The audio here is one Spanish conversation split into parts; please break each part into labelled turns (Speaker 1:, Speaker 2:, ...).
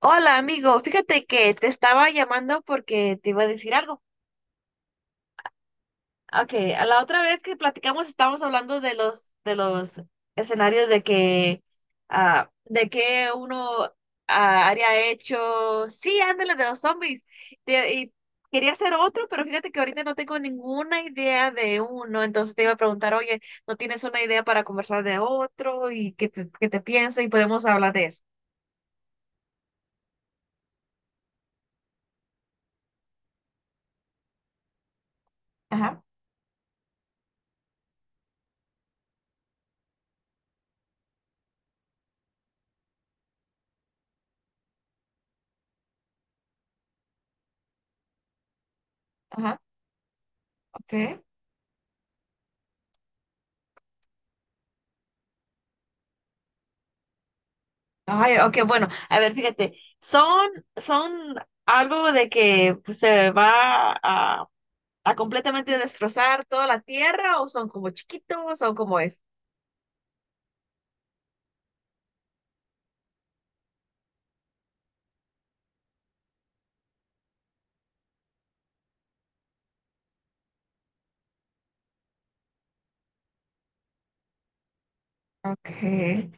Speaker 1: Hola amigo, fíjate que te estaba llamando porque te iba a decir algo. Okay, a la otra vez que platicamos estábamos hablando de los escenarios de que de que uno haría hecho. Sí, ándale de los zombies. Y quería hacer otro, pero fíjate que ahorita no tengo ninguna idea de uno, entonces te iba a preguntar, oye, ¿no tienes una idea para conversar de otro y qué te piensa y podemos hablar de eso? Ajá, ajá, ok. Ay, ok, bueno, a ver, fíjate, son algo de que pues, a completamente destrozar toda la tierra o son como chiquitos o como es. Okay.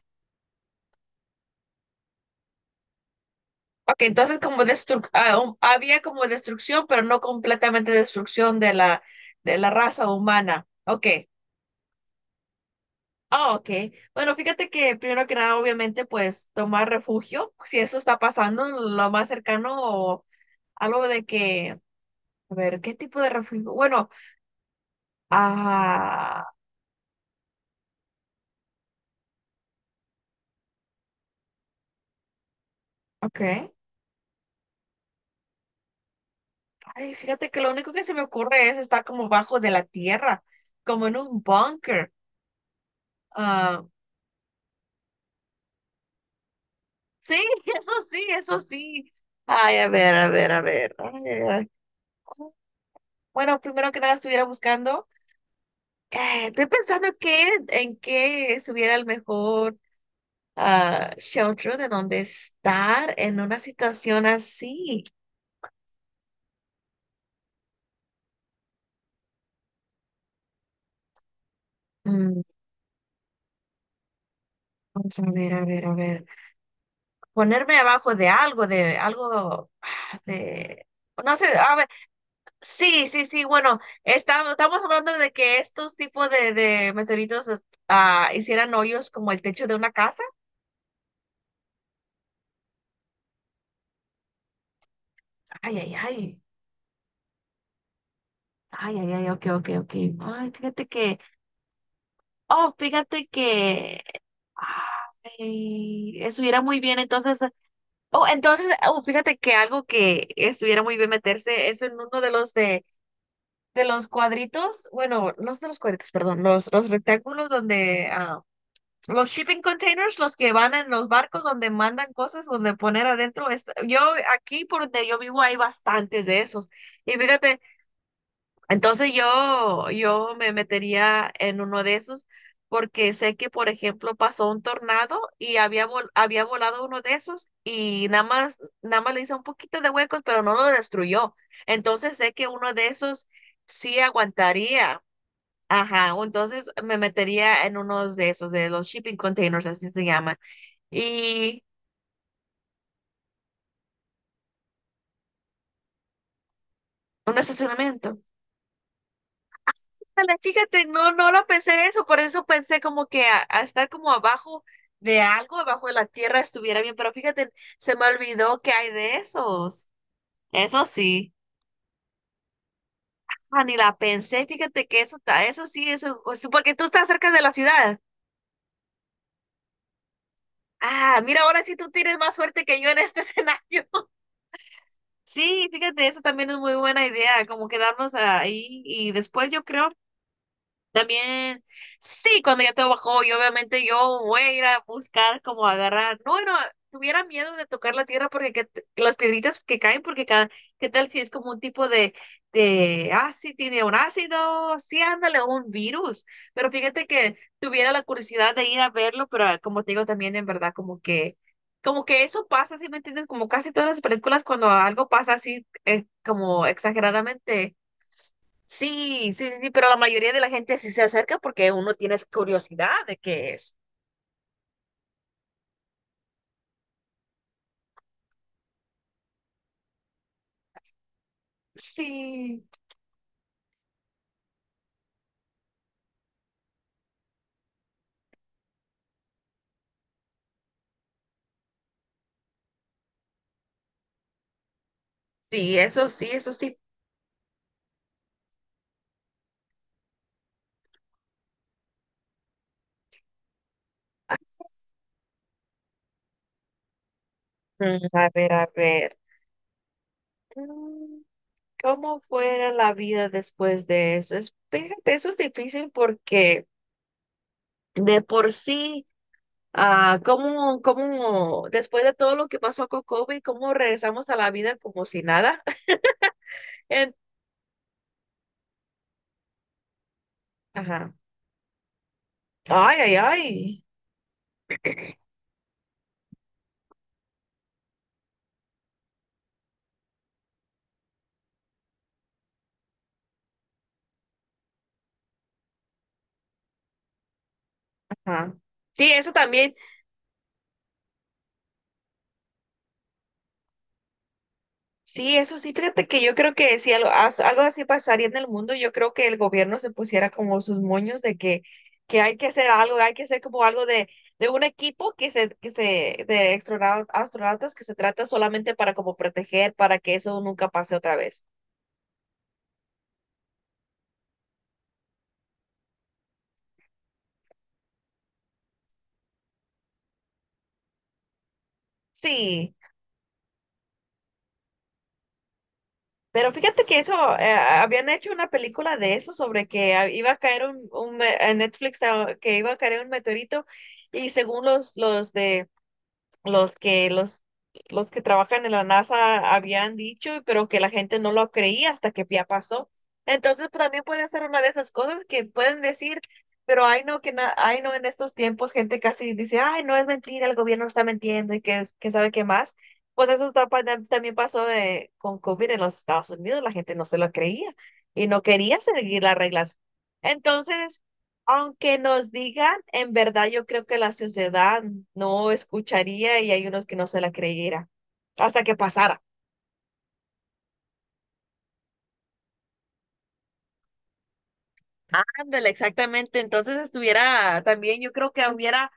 Speaker 1: Ok, entonces como había como destrucción, pero no completamente destrucción de de la raza humana. Ok. Ah, ok. Bueno, fíjate que primero que nada, obviamente, pues tomar refugio, si eso está pasando, lo más cercano o algo de que. A ver, ¿qué tipo de refugio? Bueno, ah, ok. Ay, fíjate que lo único que se me ocurre es estar como bajo de la tierra, como en un búnker. Ah, sí, eso sí, eso sí. Ay, a ver, a ver, a ver. Ay, ay, ay. Bueno, primero que nada estuviera buscando. Estoy pensando qué, en qué estuviera el mejor shelter de donde estar en una situación así. Mm, vamos a ver, a ver, a ver. Ponerme abajo de algo, no sé, a ver, sí, sí, sí, bueno, estamos hablando de que estos tipos de meteoritos hicieran hoyos como el techo de una casa. Ay, ay, ay. Ay, ay, ay, ok, ok, ok. Ay, fíjate que, oh, fíjate que, ay, estuviera muy bien, entonces, oh, fíjate que algo que estuviera muy bien meterse es en uno de de los cuadritos, bueno, no de los cuadritos, perdón, los rectángulos donde, los shipping containers, los que van en los barcos donde mandan cosas, donde poner adentro. Yo aquí por donde yo vivo hay bastantes de esos. Y fíjate, entonces yo me metería en uno de esos porque sé que, por ejemplo, pasó un tornado y había volado uno de esos y nada más, nada más le hizo un poquito de huecos, pero no lo destruyó. Entonces sé que uno de esos sí aguantaría. Ajá, o entonces me metería en uno de esos, de los shipping containers, así se llaman. Y un estacionamiento. Ándale, fíjate, no, no lo pensé eso, por eso pensé como que a estar como abajo de algo, abajo de la tierra estuviera bien, pero fíjate, se me olvidó que hay de esos. Eso sí, ni la pensé, fíjate que eso está, eso sí, eso, o sea, porque tú estás cerca de la ciudad. Ah, mira, ahora sí tú tienes más suerte que yo en este escenario. Sí, fíjate, eso también es muy buena idea, como quedarnos ahí y después yo creo. También, sí, cuando ya todo bajó, y obviamente yo voy a ir a buscar como agarrar. No, no, tuviera miedo de tocar la tierra porque que, las piedritas que caen, porque cada, ¿qué tal si es como un tipo sí, tiene un ácido, sí, ándale, un virus. Pero fíjate que tuviera la curiosidad de ir a verlo, pero como te digo también, en verdad, como que eso pasa, ¿sí me entiendes? Como casi todas las películas cuando algo pasa así, como exageradamente. Sí, sí, sí, sí, pero la mayoría de la gente sí se acerca porque uno tiene curiosidad de qué es. Sí, sí, eso sí, eso sí. Mm, a ver, a ver. Mm, ¿cómo fuera la vida después de eso? Es, fíjate, eso es difícil porque de por sí, ¿cómo, cómo después de todo lo que pasó con COVID, cómo regresamos a la vida como si nada? En- Ajá. Ay, ay, ay. Ajá. Sí, eso también. Sí, eso sí, fíjate que yo creo que si algo, algo así pasaría en el mundo, yo creo que el gobierno se pusiera como sus moños de que hay que hacer algo, hay que hacer como algo de un equipo de astronautas que se trata solamente para como proteger, para que eso nunca pase otra vez. Sí, pero fíjate que eso, habían hecho una película de eso, sobre que ah, iba a caer un me- en Netflix, ah, que iba a caer un meteorito. Y según los los que trabajan en la NASA habían dicho, pero que la gente no lo creía hasta que ya pasó. Entonces pues, también puede ser una de esas cosas que pueden decir, pero ay no en estos tiempos gente casi dice, ay no es mentira, el gobierno está mintiendo y que sabe qué más. Pues eso está también pasó con COVID en los Estados Unidos, la gente no se lo creía y no quería seguir las reglas. Entonces, aunque nos digan, en verdad yo creo que la sociedad no escucharía y hay unos que no se la creyera hasta que pasara. Ándale, exactamente. Entonces estuviera también, yo creo que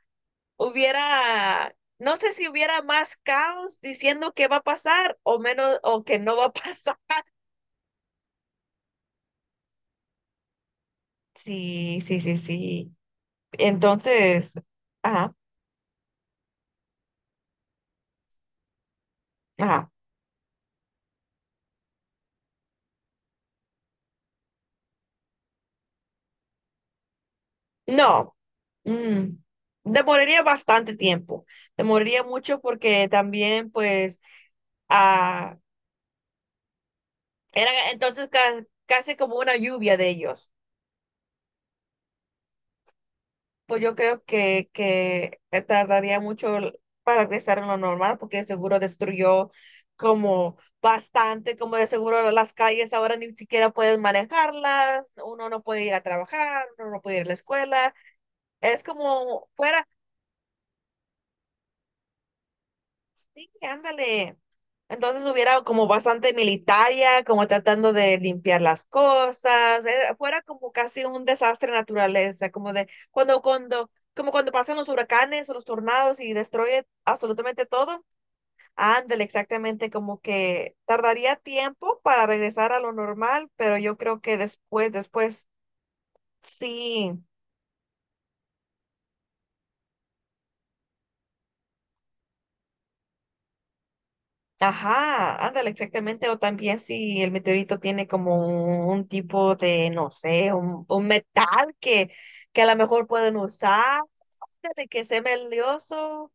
Speaker 1: hubiera, no sé si hubiera más caos diciendo que va a pasar o menos, o que no va a pasar. Sí, sí, sí, sí. Entonces, ajá, ajá. No, mm, demoraría bastante tiempo. Demoraría mucho porque también, pues, ah, eran entonces casi como una lluvia de ellos. Pues yo creo que tardaría mucho para regresar a lo normal, porque de seguro destruyó como bastante, como de seguro las calles ahora ni siquiera puedes manejarlas, uno no puede ir a trabajar, uno no puede ir a la escuela. Es como fuera, sí, ándale. Entonces hubiera como bastante militaria, como tratando de limpiar las cosas, fuera como casi un desastre de naturaleza, como de cuando, cuando, como cuando pasan los huracanes o los tornados y destruye absolutamente todo, ándale, exactamente, como que tardaría tiempo para regresar a lo normal, pero yo creo que después, después sí. Ajá, ándale, exactamente. O también si el meteorito tiene como un tipo de, no sé, un metal que a lo mejor pueden usar, de que sea melioso.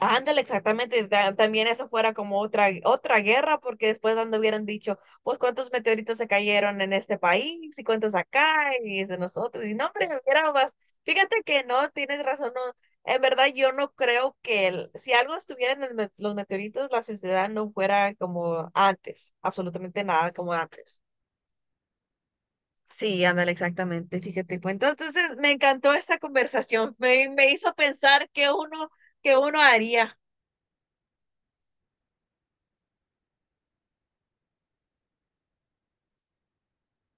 Speaker 1: Ándale, exactamente. También eso fuera como otra guerra, porque después ando hubieran dicho, pues cuántos meteoritos se cayeron en este país y cuántos acá y es de nosotros. Y no, hombre, hubiera más. Fíjate que no, tienes razón. No. En verdad, yo no creo que si algo estuviera en el los meteoritos, la sociedad no fuera como antes, absolutamente nada como antes. Sí, ándale, exactamente. Fíjate, pues entonces me encantó esta conversación. Me hizo pensar qué uno haría.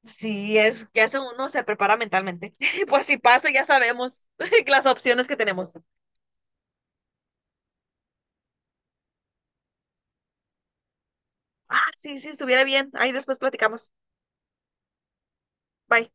Speaker 1: Sí, es que hace uno se prepara mentalmente. Por si pasa, ya sabemos las opciones que tenemos. Ah, sí, sí, estuviera bien. Ahí después platicamos. Bye.